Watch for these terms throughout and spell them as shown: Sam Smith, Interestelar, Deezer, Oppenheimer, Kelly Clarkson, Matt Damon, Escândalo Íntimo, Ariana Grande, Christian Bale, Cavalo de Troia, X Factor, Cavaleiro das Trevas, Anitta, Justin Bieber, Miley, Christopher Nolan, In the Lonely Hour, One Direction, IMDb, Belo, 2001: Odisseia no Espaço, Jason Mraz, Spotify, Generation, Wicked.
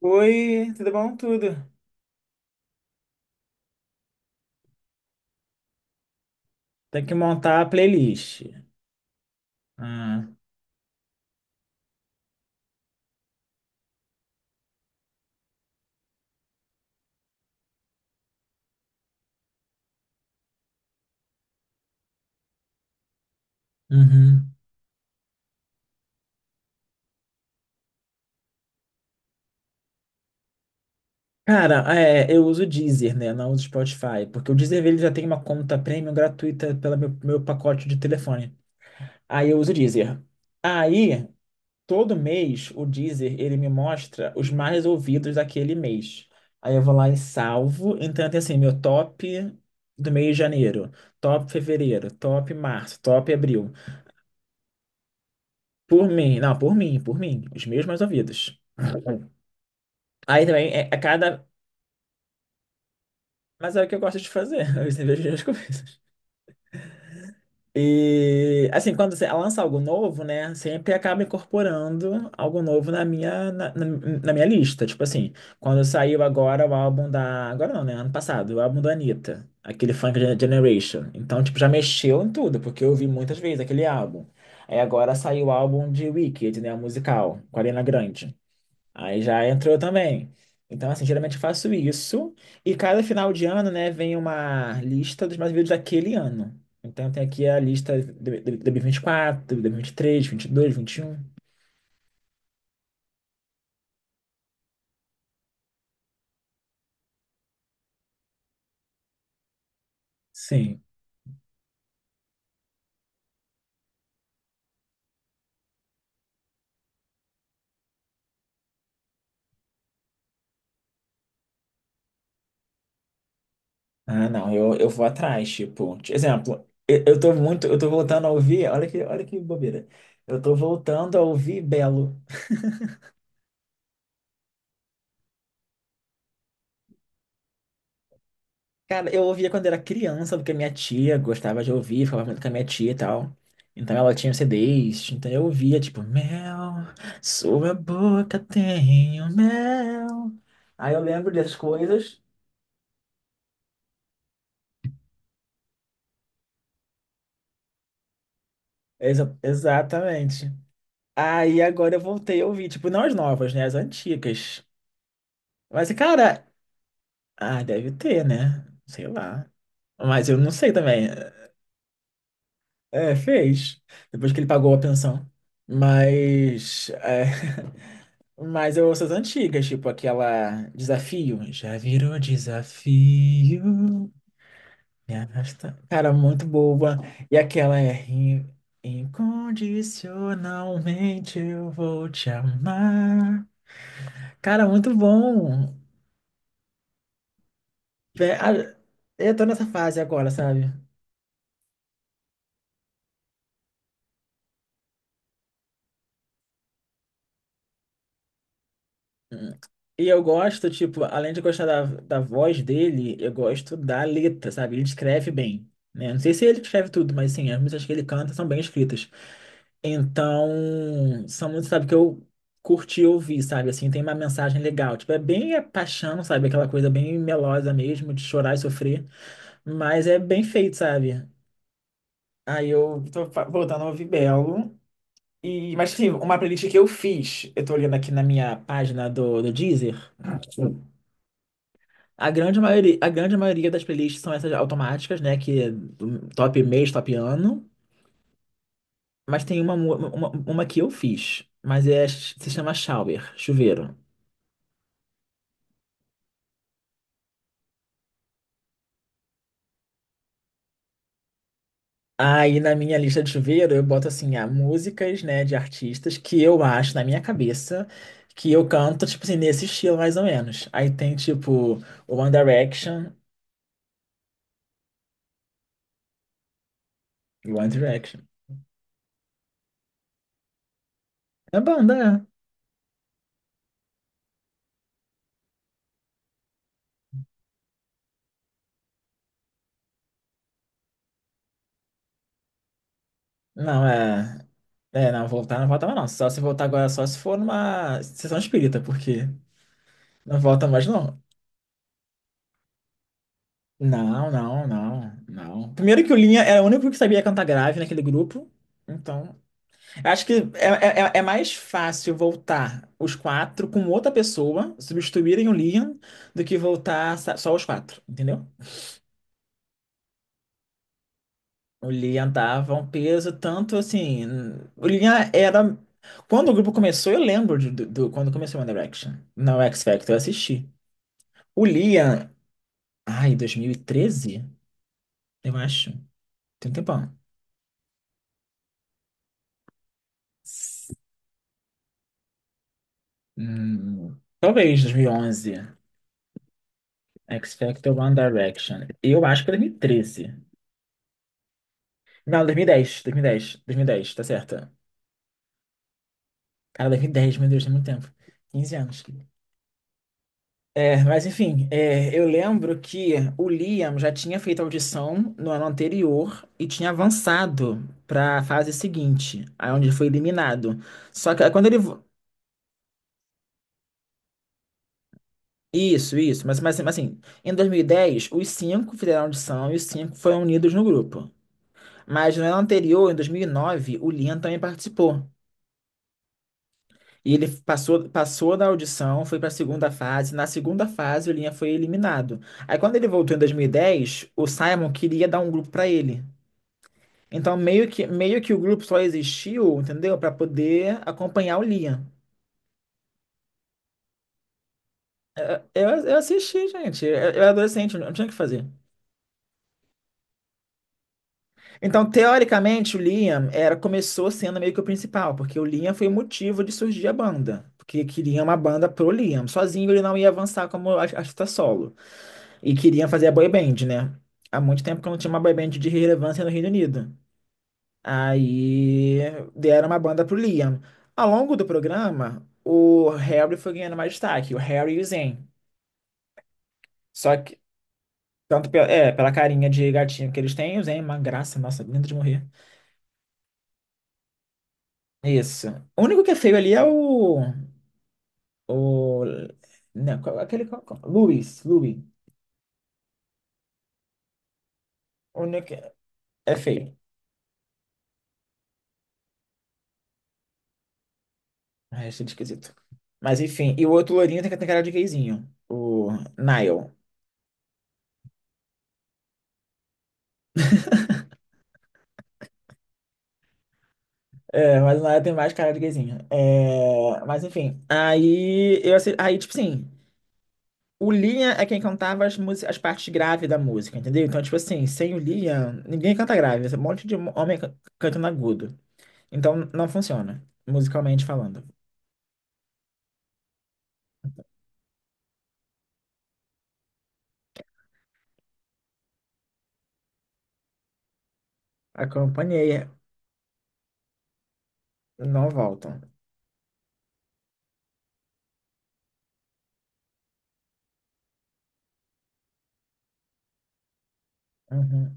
Oi, tudo bom? Tudo. Tem que montar a playlist. Ah, uhum. Cara, é, eu uso o Deezer, né? Não uso o Spotify, porque o Deezer ele já tem uma conta premium gratuita pelo meu pacote de telefone. Aí eu uso o Deezer. Aí, todo mês, o Deezer ele me mostra os mais ouvidos daquele mês. Aí eu vou lá e salvo. Então tem assim, meu top do mês de janeiro, top fevereiro, top março, top abril. Por mim, não, por mim, os meus mais ouvidos. Aí também é cada. Mas é o que eu gosto de fazer, eu sempre vejo as coisas. E assim, quando você lança algo novo, né? Sempre acaba incorporando algo novo na minha lista. Tipo assim, quando saiu agora o álbum da. Agora não, né? Ano passado, o álbum da Anitta, aquele Funk Generation. Então, tipo, já mexeu em tudo, porque eu ouvi muitas vezes aquele álbum. Aí agora saiu o álbum de Wicked, né? O musical, com a Ariana Grande. Aí já entrou também. Então, assim, geralmente eu faço isso. E cada final de ano, né, vem uma lista dos mais vídeos daquele ano. Então, tem aqui a lista de 2024, de dois mil e vinte e três, vinte e dois, vinte e um. Sim. Ah, não, eu vou atrás, tipo, de exemplo, eu tô voltando a ouvir, olha que bobeira. Eu tô voltando a ouvir Belo. Cara, eu ouvia quando era criança, porque a minha tia gostava de ouvir, falava muito com a minha tia e tal. Então ela tinha CDs, então eu ouvia, tipo, mel, sua boca tem o mel. Aí eu lembro dessas coisas. Exatamente. Aí agora eu voltei a ouvir, tipo, não as novas, né? As antigas. Mas, cara, ah, deve ter, né? Sei lá. Mas eu não sei também. É, fez. Depois que ele pagou a pensão. Mas. É. Mas eu ouço as antigas, tipo aquela Desafio. Já virou desafio. Me arrasta. Cara, muito boba. E aquela é Incondicionalmente eu vou te amar". Cara, muito bom. Vé- a- Eu tô nessa fase agora, sabe? Hum. E eu gosto, tipo, além de gostar da voz dele, eu gosto da letra, sabe? Ele escreve bem, né? Não sei se ele escreve tudo, mas sim, as músicas que ele canta são bem escritas. Então, são muitos, sabe, que eu curti ouvir, sabe? Assim, tem uma mensagem legal. Tipo, é bem é paixão, sabe? Aquela coisa bem melosa mesmo, de chorar e sofrer. Mas é bem feito, sabe? Aí eu tô voltando a ouvir Belo. E, mas, sim, uma playlist que eu fiz, eu tô olhando aqui na minha página do Deezer. A grande maioria das playlists são essas automáticas, né? Que é do top mês, top ano. Mas tem uma que eu fiz. Mas se chama Shower, chuveiro. Aí na minha lista de chuveiro eu boto assim, ah, músicas, né, de artistas que eu acho na minha cabeça que eu canto, tipo assim, nesse estilo mais ou menos. Aí tem tipo One Direction, One Direction. É banda, é. Não, é. É, não, voltar não volta mais não. Só se voltar agora, só se for numa sessão espírita, porque não volta mais não. Não, não, não, não. Primeiro que o Linha era o único que sabia cantar grave naquele grupo, então acho que é mais fácil voltar os quatro com outra pessoa, substituírem o Liam, do que voltar só os quatro, entendeu? O Liam dava um peso tanto assim. O Liam era. Quando o grupo começou, eu lembro quando começou o One Direction. Não, X Factor, eu assisti. O Liam. Ai, 2013? Eu acho. Tem um tempão. Talvez 2011. X Factor One Direction. Eu acho que 2013. Não, 2010, 2010, 2010, tá certa. Cara, 2010, meu Deus, tem muito tempo. 15 anos. É, mas enfim, é, eu lembro que o Liam já tinha feito audição no ano anterior e tinha avançado para a fase seguinte, aí onde ele foi eliminado. Só que aí quando ele. Isso, isso, mas, mas, assim, em 2010, os cinco fizeram audição e os cinco foram unidos no grupo. Mas no ano anterior, em 2009, o Liam também participou. E ele passou da audição, foi para a segunda fase. Na segunda fase, o Linha foi eliminado. Aí, quando ele voltou em 2010, o Simon queria dar um grupo para ele. Então, meio que o grupo só existiu, entendeu? Para poder acompanhar o Liam. Eu assisti, gente. Eu era adolescente, eu não tinha o que fazer. Então, teoricamente, o Liam começou sendo meio que o principal, porque o Liam foi o motivo de surgir a banda. Porque queria uma banda pro Liam. Sozinho ele não ia avançar como artista solo. E queria fazer a boy band, né? Há muito tempo que eu não tinha uma boy band de relevância no Reino Unido. Aí deram uma banda pro Liam. Ao longo do programa, o Harry foi ganhando mais destaque, o Harry e o Zayn. Só que, tanto pela carinha de gatinho que eles têm, o Zayn é uma graça, nossa, lindo de morrer. Isso. O único que é feio ali é o. O. Não, aquele. Louis. O único que é feio. Ah, achei ele esquisito. Mas enfim, e o outro loirinho tem cara de gayzinho. O Niall. É, mas o Niall tem mais cara de gayzinho. É, mas enfim, aí eu aí tipo assim, o Liam é quem cantava as partes graves da música, entendeu? Então tipo assim, sem o Liam, ninguém canta grave, é um monte de homem cantando agudo. Então não funciona, musicalmente falando. Acompanhei, não voltam. Uhum.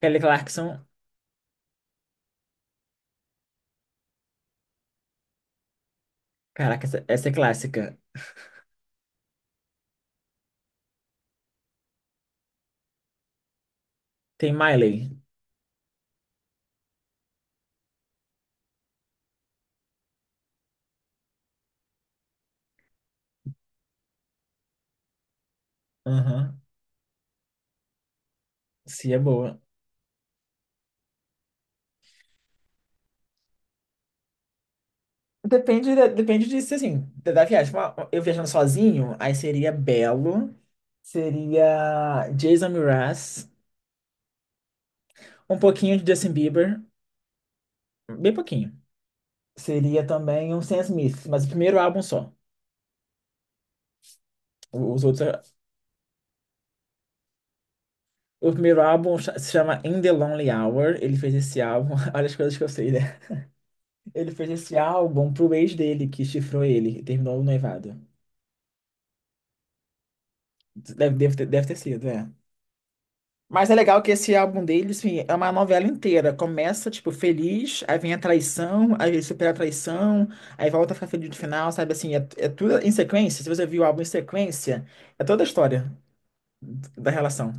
Kelly Clarkson, caraca, essa é clássica. Tem Miley. Aham, sim, é boa. Depende, depende disso, assim, da, viagem. Eu viajando sozinho, aí seria Belo, seria Jason Mraz, um pouquinho de Justin Bieber, bem pouquinho. Seria também um Sam Smith, mas o primeiro álbum só. Os outros, o primeiro álbum se chama In the Lonely Hour. Ele fez esse álbum, olha as coisas que eu sei, né? Ele fez esse álbum pro ex dele, que chifrou ele e terminou o noivado. Deve ter sido, é. Mas é legal que esse álbum deles, assim, é uma novela inteira. Começa, tipo, feliz, aí vem a traição, aí ele supera a traição, aí volta a ficar feliz no final, sabe? Assim, é tudo em sequência. Se você viu o álbum em sequência, é toda a história da relação.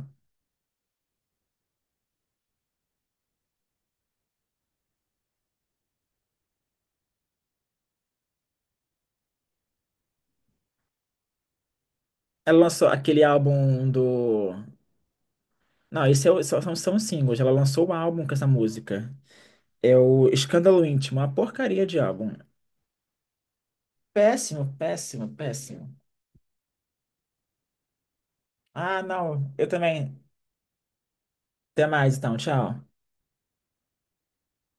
Ela lançou aquele álbum do... Não, são, são singles. Ela lançou um álbum com essa música. É o Escândalo Íntimo, uma porcaria de álbum. Péssimo, péssimo, péssimo. Ah, não, eu também. Até mais, então, tchau.